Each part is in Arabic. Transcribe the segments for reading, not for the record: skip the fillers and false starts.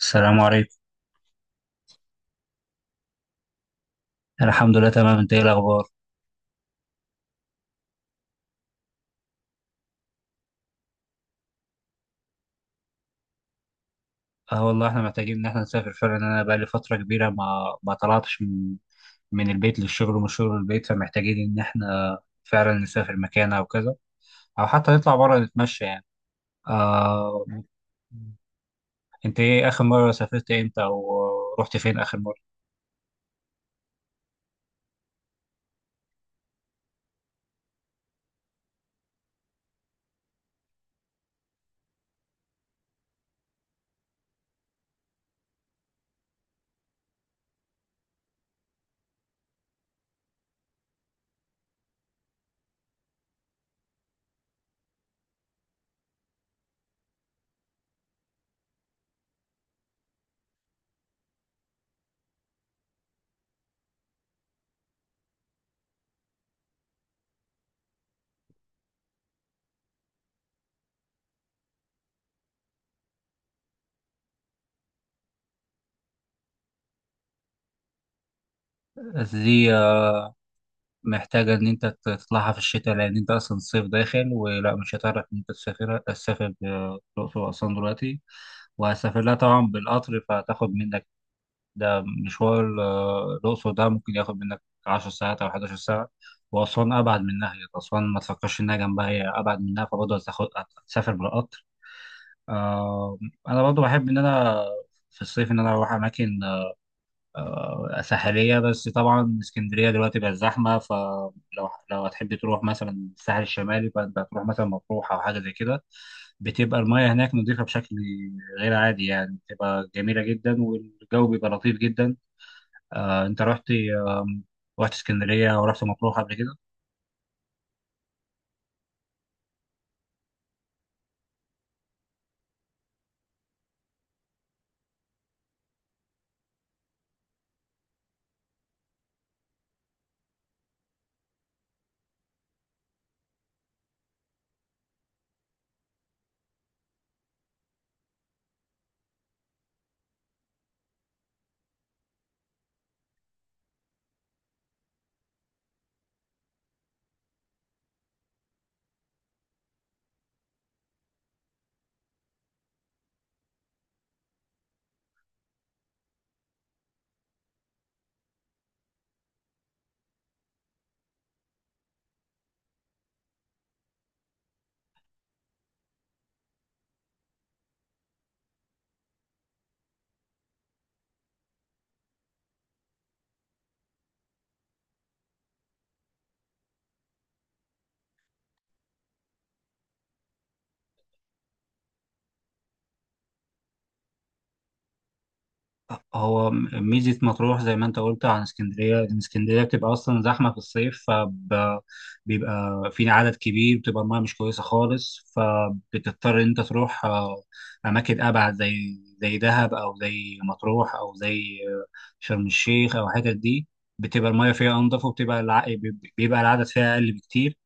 السلام عليكم. الحمد لله تمام، انت ايه الاخبار؟ اه والله احنا محتاجين ان احنا نسافر فعلا، انا بقى لي فتره كبيره ما طلعتش من البيت للشغل ومن الشغل للبيت، فمحتاجين ان احنا فعلا نسافر مكان او كذا، او حتى نطلع بره نتمشى يعني. آه انت ايه اخر مره سافرت امتى او رحت فين اخر مره؟ دي محتاجة إن أنت تطلعها في الشتاء، لأن أنت أصلا الصيف داخل ولا مش هتعرف إن أنت تسافر الأقصر وأسوان دلوقتي، وهسافر لها طبعا بالقطر فهتاخد منك، ده مشوار. الأقصر ده ممكن ياخد منك عشر ساعات أو حداشر ساعة، وأسوان أبعد منها، هي أسوان ما تفكرش إنها جنبها، هي أبعد منها فبرضه هتاخد، هتسافر بالقطر. آه، أنا برضه بحب إن أنا في الصيف إن أنا أروح أماكن ساحلية. بس طبعا اسكندرية دلوقتي بقت زحمة، فلو هتحب تروح مثلا الساحل الشمالي فأنت هتروح مثلا مطروح أو حاجة زي كده، بتبقى المياه هناك نظيفة بشكل غير عادي، يعني بتبقى جميلة جدا والجو بيبقى لطيف جدا. أنت رحت رحت اسكندرية أو رحت مطروح قبل كده؟ هو ميزة مطروح زي ما انت قلت، عن اسكندرية ان اسكندرية بتبقى اصلا زحمة في الصيف، فبيبقى في عدد كبير، بتبقى المياه مش كويسة خالص، فبتضطر ان انت تروح اماكن ابعد زي دهب او زي مطروح او زي شرم الشيخ او الحتت دي. بتبقى المياه فيها انضف، بيبقى العدد فيها اقل بكتير.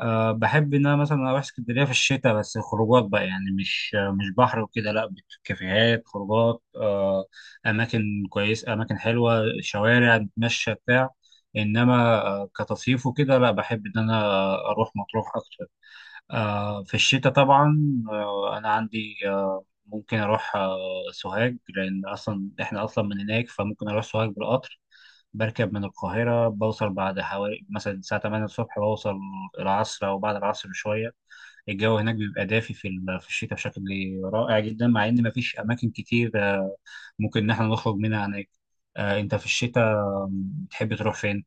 أه، بحب ان انا مثلا اروح اسكندريه في الشتاء، بس خروجات بقى يعني، مش بحر وكده، لا. كافيهات، خروجات، أه اماكن كويسه، اماكن حلوه، شوارع نتمشى بتاع. انما أه كتصيف وكده لا، بحب ان انا اروح مطروح اكتر. أه في الشتاء طبعا. أه انا عندي أه ممكن اروح أه سوهاج، لان اصلا احنا اصلا من هناك، فممكن اروح سوهاج بالقطر، بركب من القاهرة بوصل بعد حوالي مثلا الساعة 8 الصبح، بوصل العصر أو بعد العصر بشوية. الجو هناك بيبقى دافي في الشتاء بشكل رائع جدا، مع إن مفيش أماكن كتير ممكن إن إحنا نخرج منها هناك. أنت في الشتاء بتحب تروح فين؟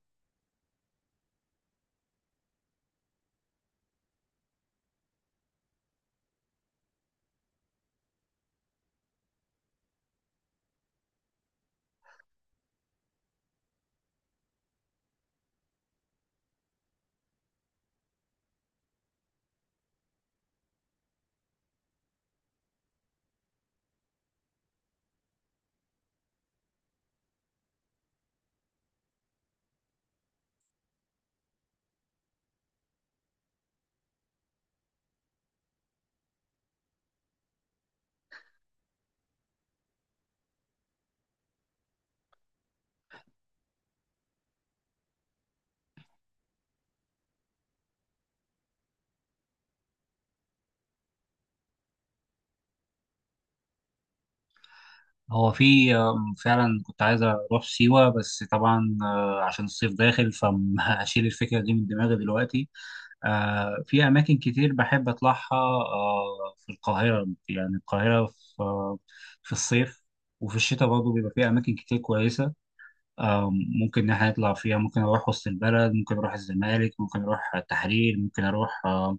هو في فعلا كنت عايز أروح سيوة، بس طبعا عشان الصيف داخل فهشيل الفكرة دي من دماغي دلوقتي. في أماكن كتير بحب أطلعها في القاهرة. يعني القاهرة في آه، في الصيف وفي الشتاء برضه بيبقى فيها أماكن كتير كويسة آه، ممكن إن إحنا نطلع فيها. ممكن أروح وسط البلد، ممكن أروح الزمالك، ممكن أروح التحرير، ممكن أروح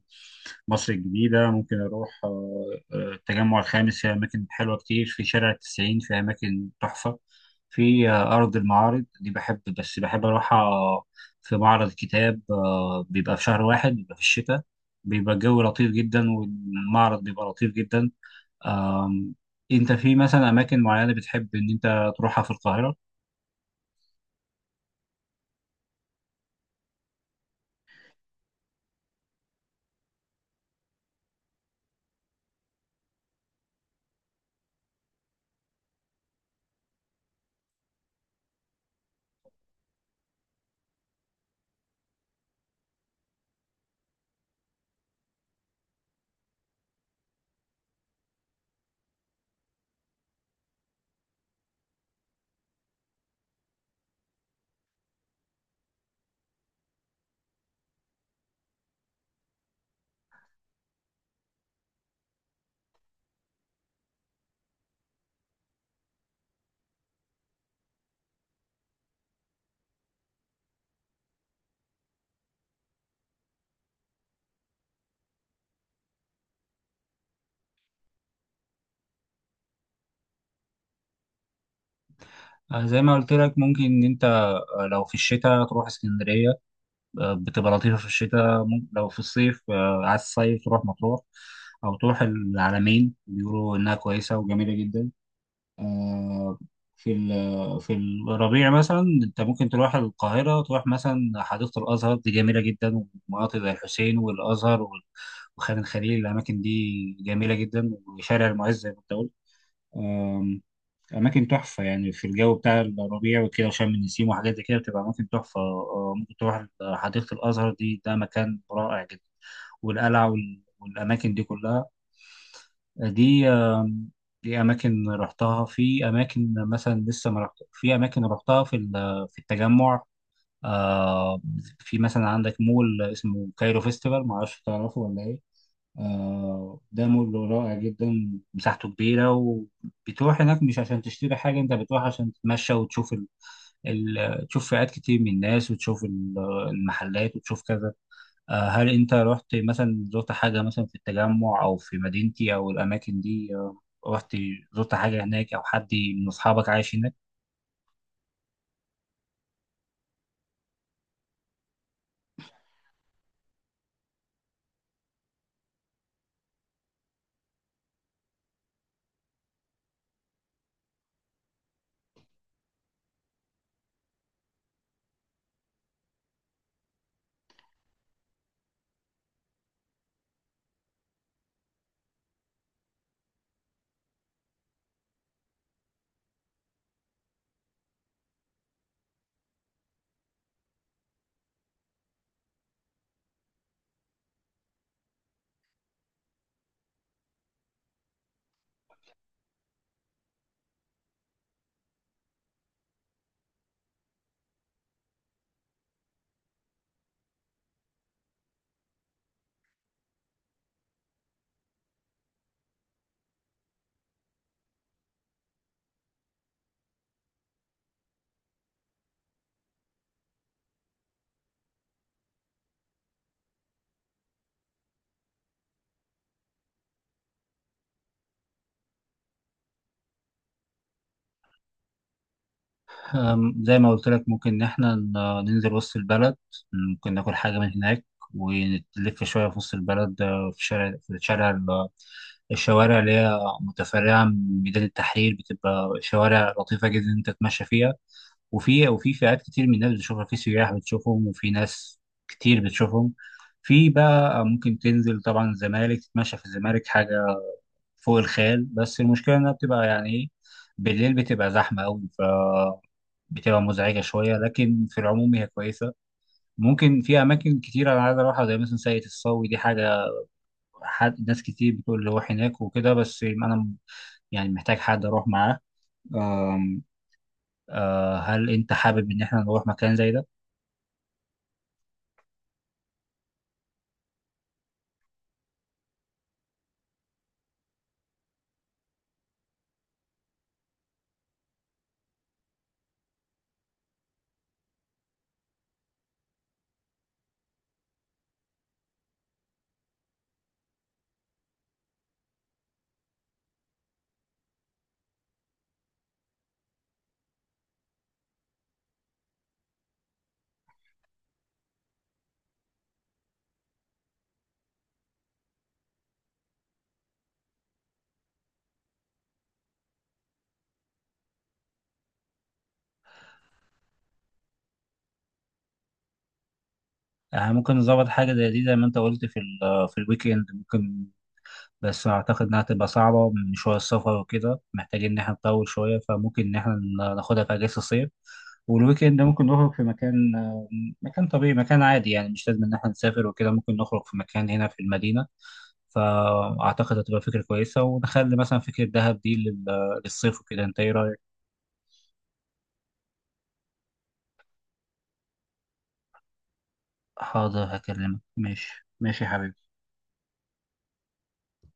مصر الجديدة، ممكن أروح التجمع الخامس، في أماكن حلوة كتير في شارع التسعين، في أماكن تحفة في أرض المعارض دي، بحب بس بحب أروحها في معرض كتاب بيبقى في شهر واحد، بيبقى في الشتاء، بيبقى الجو لطيف جدا والمعرض بيبقى لطيف جدا. آم، أنت في مثلا أماكن معينة بتحب إن أنت تروحها في القاهرة؟ زي ما قلت لك، ممكن ان انت لو في الشتاء تروح اسكندرية، بتبقى لطيفة في الشتاء. ممكن لو في الصيف عايز الصيف تروح مطروح او تروح العلمين، بيقولوا انها كويسة وجميلة جدا. آه، في الربيع مثلا انت ممكن تروح القاهرة، تروح مثلا حديقة الازهر دي جميلة جدا، ومناطق زي الحسين والازهر وخان الخليل، الاماكن دي جميلة جدا، وشارع المعز زي ما انت قلت، أماكن تحفة. يعني في الجو بتاع الربيع وكده وشم النسيم وحاجات زي كده بتبقى أماكن تحفة. ممكن تروح حديقة الأزهر دي، ده مكان رائع جدا، والقلعة والأماكن دي كلها دي. دي أماكن رحتها، في أماكن مثلا لسه ما رحت، في أماكن رحتها في التجمع. آه، في مثلا عندك مول اسمه كايرو فيستيفال، معرفش تعرفه ولا إيه؟ ده مول رائع جدا، مساحته كبيرة، وبتروح هناك مش عشان تشتري حاجة، انت بتروح عشان تتمشى وتشوف تشوف فئات كتير من الناس، وتشوف المحلات، وتشوف كذا. هل انت رحت مثلا، زرت حاجة مثلا في التجمع او في مدينتي او الاماكن دي؟ رحت، زرت حاجة هناك، او حد من اصحابك عايش هناك؟ زي ما قلت لك، ممكن إن إحنا ننزل وسط البلد، ممكن ناكل حاجة من هناك ونلف شوية في وسط البلد. في الشارع الشوارع اللي هي متفرعة من ميدان التحرير بتبقى شوارع لطيفة جدا إن أنت تتمشى فيها، وفي فئات كتير من الناس بتشوفها، في سياح بتشوفهم، وفي ناس كتير بتشوفهم. في بقى ممكن تنزل طبعا الزمالك، تتمشى في الزمالك حاجة فوق الخيال، بس المشكلة إنها بتبقى يعني إيه، بالليل بتبقى زحمة أوي، بتبقى مزعجة شوية، لكن في العموم هي كويسة. ممكن في أماكن كتيرة أنا عايز أروحها زي مثلا ساقية الصاوي دي، حاجة، حد، ناس كتير بتقول روح هناك وكده، بس أنا يعني محتاج حد أروح معاه. أم، هل أنت حابب إن إحنا نروح مكان زي ده؟ ممكن نظبط حاجة زي دي زي ما أنت قلت في الويك إند. ممكن، بس اعتقد انها تبقى صعبه من شويه، السفر وكده محتاجين ان احنا نطول شويه، فممكن ان احنا ناخدها في اجازه الصيف، والويكند ممكن نخرج في مكان، مكان طبيعي، مكان عادي يعني، مش لازم ان احنا نسافر وكده، ممكن نخرج في مكان هنا في المدينه، فاعتقد هتبقى فكره كويسه، ونخلي مثلا فكره دهب دي للصيف وكده. انت ايه رايك؟ حاضر، هكلمك. ماشي ماشي يا حبيبي.